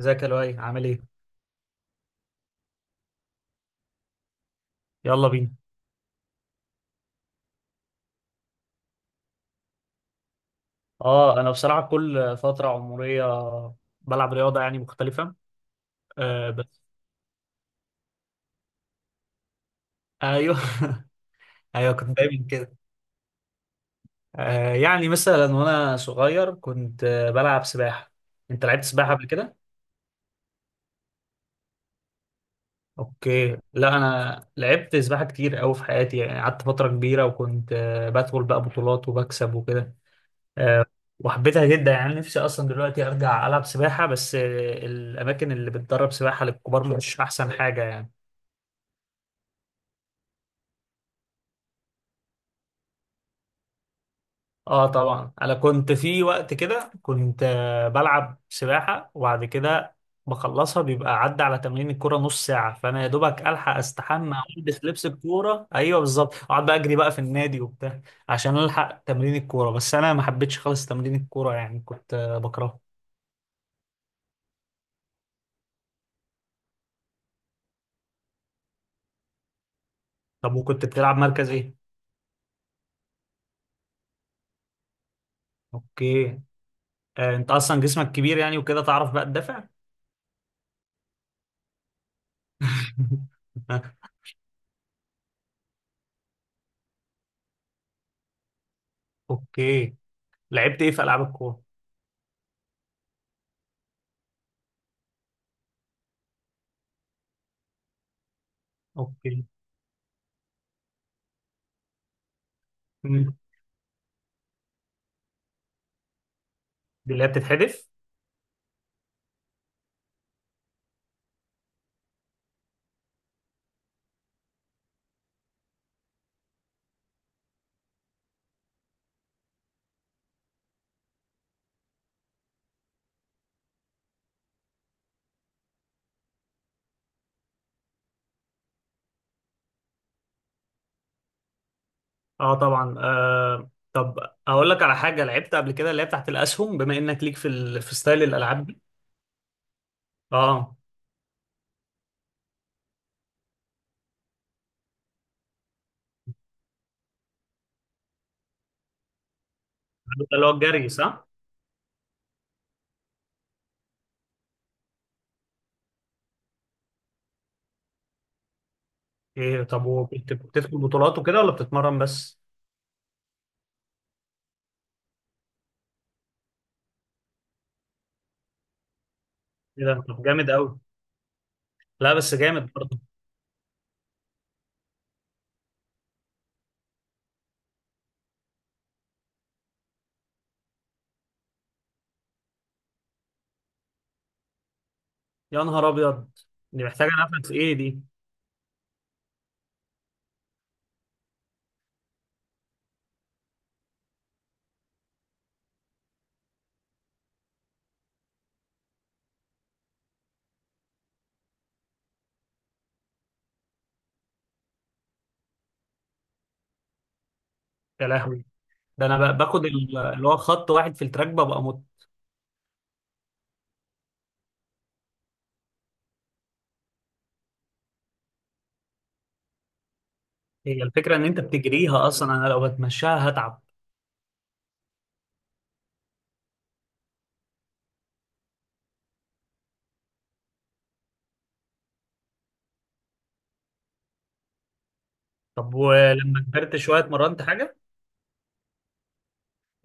ازيك يا لؤي، عامل ايه؟ يلا بينا. اه، انا بصراحة كل فترة عمرية بلعب رياضة يعني مختلفة. آه بس ايوه ايوه، كنت دايما كده. آه يعني مثلا وانا صغير كنت بلعب سباحة. انت لعبت سباحة قبل كده؟ اوكي. لا انا لعبت سباحة كتير قوي في حياتي، يعني قعدت فترة كبيرة وكنت بدخل بقى بطولات وبكسب وكده. آه، وحبيتها جدا، يعني نفسي اصلا دلوقتي ارجع العب سباحة، بس آه الاماكن اللي بتدرب سباحة للكبار مش احسن حاجة يعني. اه طبعا، انا كنت في وقت كده كنت بلعب سباحه، وبعد كده بخلصها بيبقى عدى على تمرين الكوره نص ساعه، فانا يا دوبك الحق استحمى والبس لبس الكوره، ايوه بالظبط، اقعد بقى اجري بقى في النادي وبتاع عشان الحق تمرين الكوره. بس انا ما حبيتش خالص تمرين الكوره، يعني كنت بكرهه. طب وكنت بتلعب مركز ايه؟ اوكي. آه انت اصلا جسمك كبير يعني وكده، تعرف بقى تدافع. اوكي. لعبت ايه في العاب الكوره؟ اوكي. مم. دي اللي هي بتتحدف؟ اه طبعا. آه طب، اقول لك على حاجه لعبت قبل كده اللي هي بتاعت الاسهم، بما انك ليك في ستايل الالعاب دي. اه ده اللي هو الجري صح؟ ايه طب، وكنت بتدخل بطولات وكده ولا بتتمرن بس؟ ايه ده، طب جامد قوي. لا بس جامد برضه. يا نهار ابيض. دي محتاجه نفس، ايه دي؟ يا لهوي. ده انا باخد اللي هو خط واحد في التراك، ببقى هي الفكره ان انت بتجريها اصلا، انا لو بتمشاها هتعب. طب ولما كبرت شويه اتمرنت حاجه؟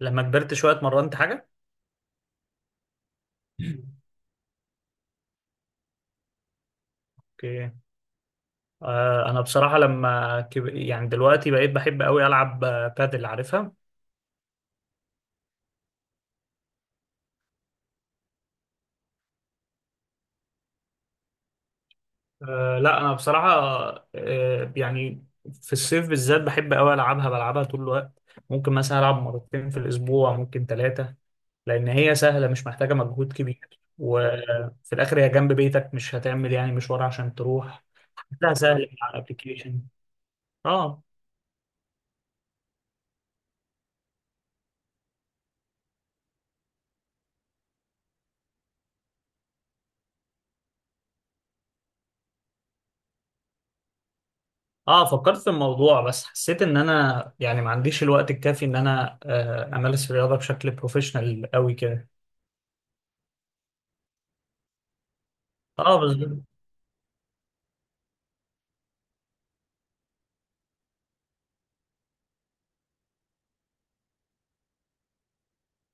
لما كبرت شويه اتمرنت حاجه؟ اوكي. انا بصراحه يعني دلوقتي بقيت بحب قوي العب بادل، عارفها؟ أه لا انا بصراحه، أه يعني في الصيف بالذات بحب قوي العبها، بلعبها طول الوقت. ممكن مثلا العب مرتين في الاسبوع، ممكن ثلاثه. لان هي سهله، مش محتاجه مجهود كبير، وفي الاخر هي جنب بيتك، مش هتعمل يعني مشوار عشان تروح. لا سهل على الابلكيشن. اه. اه فكرت في الموضوع، بس حسيت ان انا يعني ما عنديش الوقت الكافي ان انا امارس الرياضه بشكل بروفيشنال قوي كده. اه بس.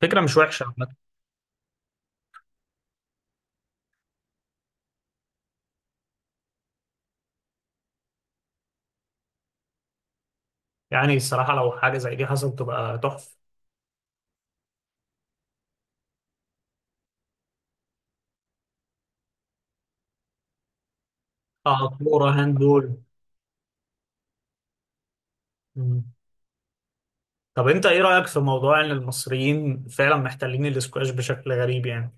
فكره مش وحشه عامه. يعني الصراحه لو حاجه زي دي حصلت تبقى تحفه. اه، كوره هاندبول. مم. طب انت ايه رايك في موضوع ان المصريين فعلا محتلين الاسكواش بشكل غريب يعني؟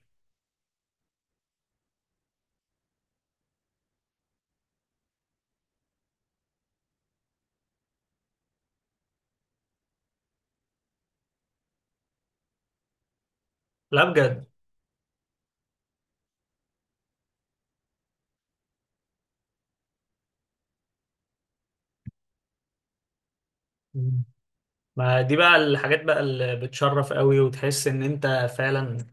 لا بجد؟ مم. ما دي بقى الحاجات بقى اللي بتشرف قوي وتحس ان انت فعلا.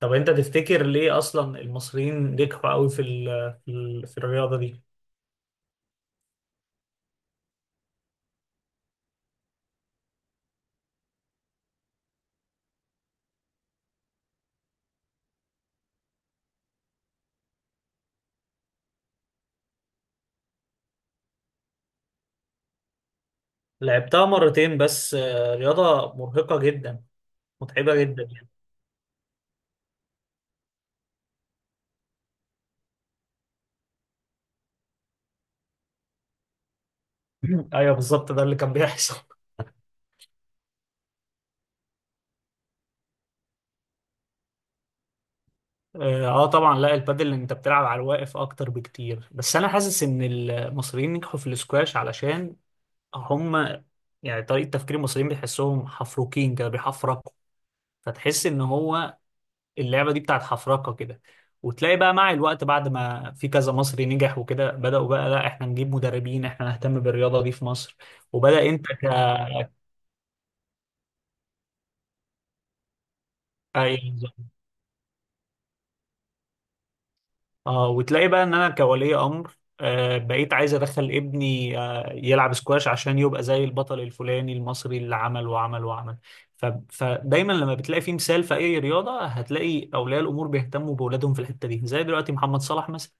طب انت تفتكر ليه اصلا المصريين نجحوا قوي في الرياضه دي؟ لعبتها مرتين بس، آه رياضة مرهقة جدا، متعبة جدا يعني. ايوه بالظبط، ده اللي كان بيحصل. اه، طبعا. لا البادل انت بتلعب على الواقف اكتر بكتير. بس انا حاسس ان المصريين نجحوا في الاسكواش علشان هم، يعني طريقة تفكير المصريين بيحسهم حفروكين كده، بيحفركوا. فتحس ان هو اللعبة دي بتاعت حفركة كده. وتلاقي بقى مع الوقت بعد ما في كذا مصري نجح وكده، بدأوا بقى، لا احنا نجيب مدربين، احنا نهتم بالرياضة دي في مصر. وبدأ انت ك أيوة. اه وتلاقي بقى ان انا كولي امر آه بقيت عايز ادخل ابني آه يلعب سكواش عشان يبقى زي البطل الفلاني المصري اللي عمل وعمل وعمل. فدايما لما بتلاقي في مثال في اي رياضه هتلاقي اولياء الامور بيهتموا باولادهم في الحته دي، زي دلوقتي محمد صلاح مثلا.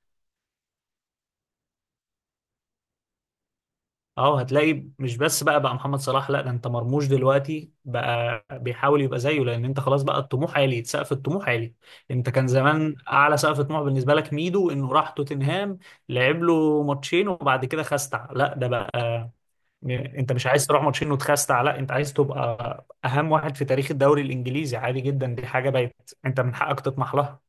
اه هتلاقي مش بس بقى محمد صلاح، لا ده انت مرموش دلوقتي بقى بيحاول يبقى زيه، لان انت خلاص بقى الطموح عالي، سقف الطموح عالي. انت كان زمان اعلى سقف طموح بالنسبه لك ميدو انه راح توتنهام، لعب له ماتشين وبعد كده خستع، لا ده بقى انت مش عايز تروح ماتشين وتخستع، لا انت عايز تبقى اهم واحد في تاريخ الدوري الانجليزي. عادي جدا، دي حاجه بقت انت من حقك تطمح لها.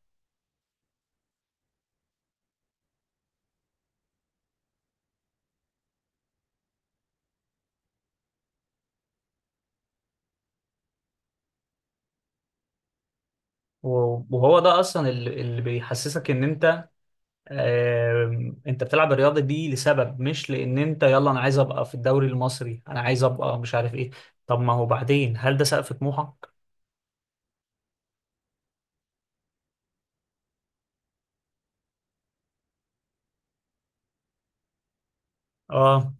وهو ده اصلا اللي بيحسسك ان انت انت بتلعب الرياضه دي لسبب، مش لان انت يلا انا عايز ابقى في الدوري المصري، انا عايز ابقى مش عارف ايه. طب ما هو بعدين هل ده سقف طموحك؟ اه.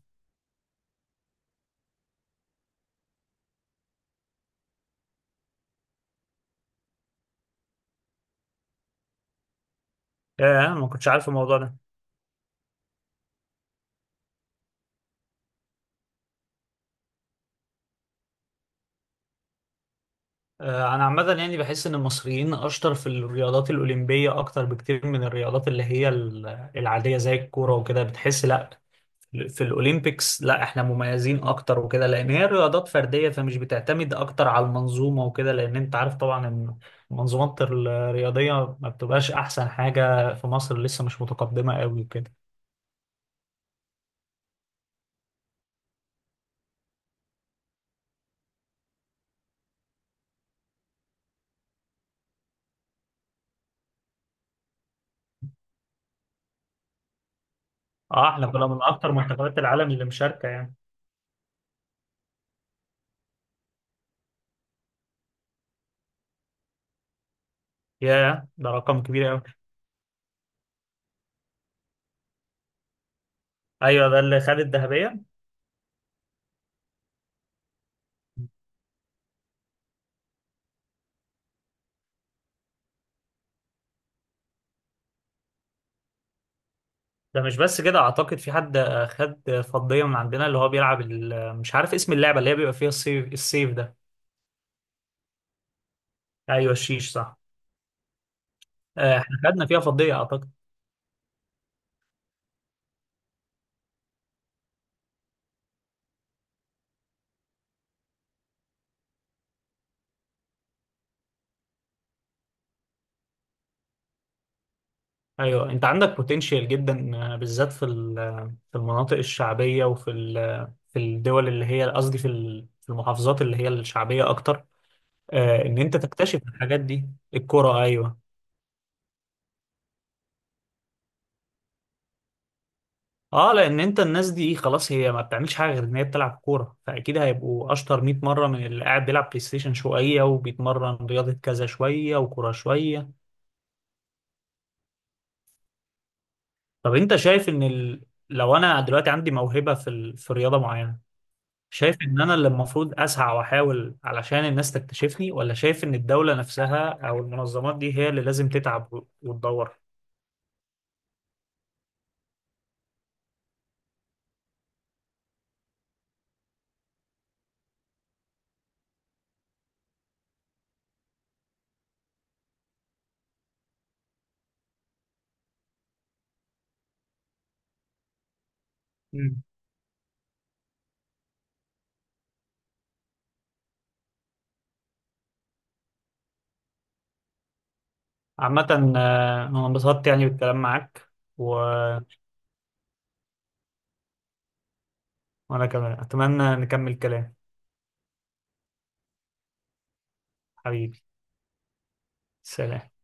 يا انا ما كنتش عارف الموضوع ده. انا عامه يعني بحس ان المصريين اشطر في الرياضات الاولمبيه اكتر بكتير من الرياضات اللي هي العاديه زي الكوره وكده. بتحس لا في الاولمبيكس لا احنا مميزين اكتر وكده، لان هي رياضات فرديه، فمش بتعتمد اكتر على المنظومه وكده، لان انت عارف طبعا ان المنظومات الرياضيه ما بتبقاش احسن حاجه في مصر، لسه مش متقدمه قوي وكده. اه، احنا كنا من اكتر منتخبات العالم اللي مشاركه يعني. ياه، ده رقم كبير قوي. ايوه ده اللي خد الذهبيه. ده مش بس كده، اعتقد في حد خد فضيه من عندنا، اللي هو بيلعب مش عارف اسم اللعبه اللي هي بيبقى فيها السيف، السيف ده. ايوه الشيش صح. احنا خدنا فيها فضيه اعتقد. ايوه انت عندك بوتنشال جدا، بالذات في المناطق الشعبيه وفي ال- آه، في الدول اللي هي قصدي في المحافظات اللي هي الشعبيه اكتر، ان انت تكتشف الحاجات دي. الكوره ايوه. اه لان انت الناس دي خلاص هي ما بتعملش حاجه غير ان هي بتلعب كوره، فاكيد هيبقوا اشطر 100 مره من اللي قاعد بيلعب بلاي ستيشن شويه، وبيتمرن رياضه كذا شويه، وكوره شويه. طب انت شايف ان لو انا دلوقتي عندي موهبه في رياضه معينه، شايف ان انا اللي المفروض اسعى واحاول علشان الناس تكتشفني، ولا شايف ان الدولة نفسها او المنظمات دي هي اللي لازم تتعب وتدور؟ مم. عامة، انا انبسطت يعني بالكلام معاك و... وانا كمان اتمنى نكمل كلام. حبيبي، سلام.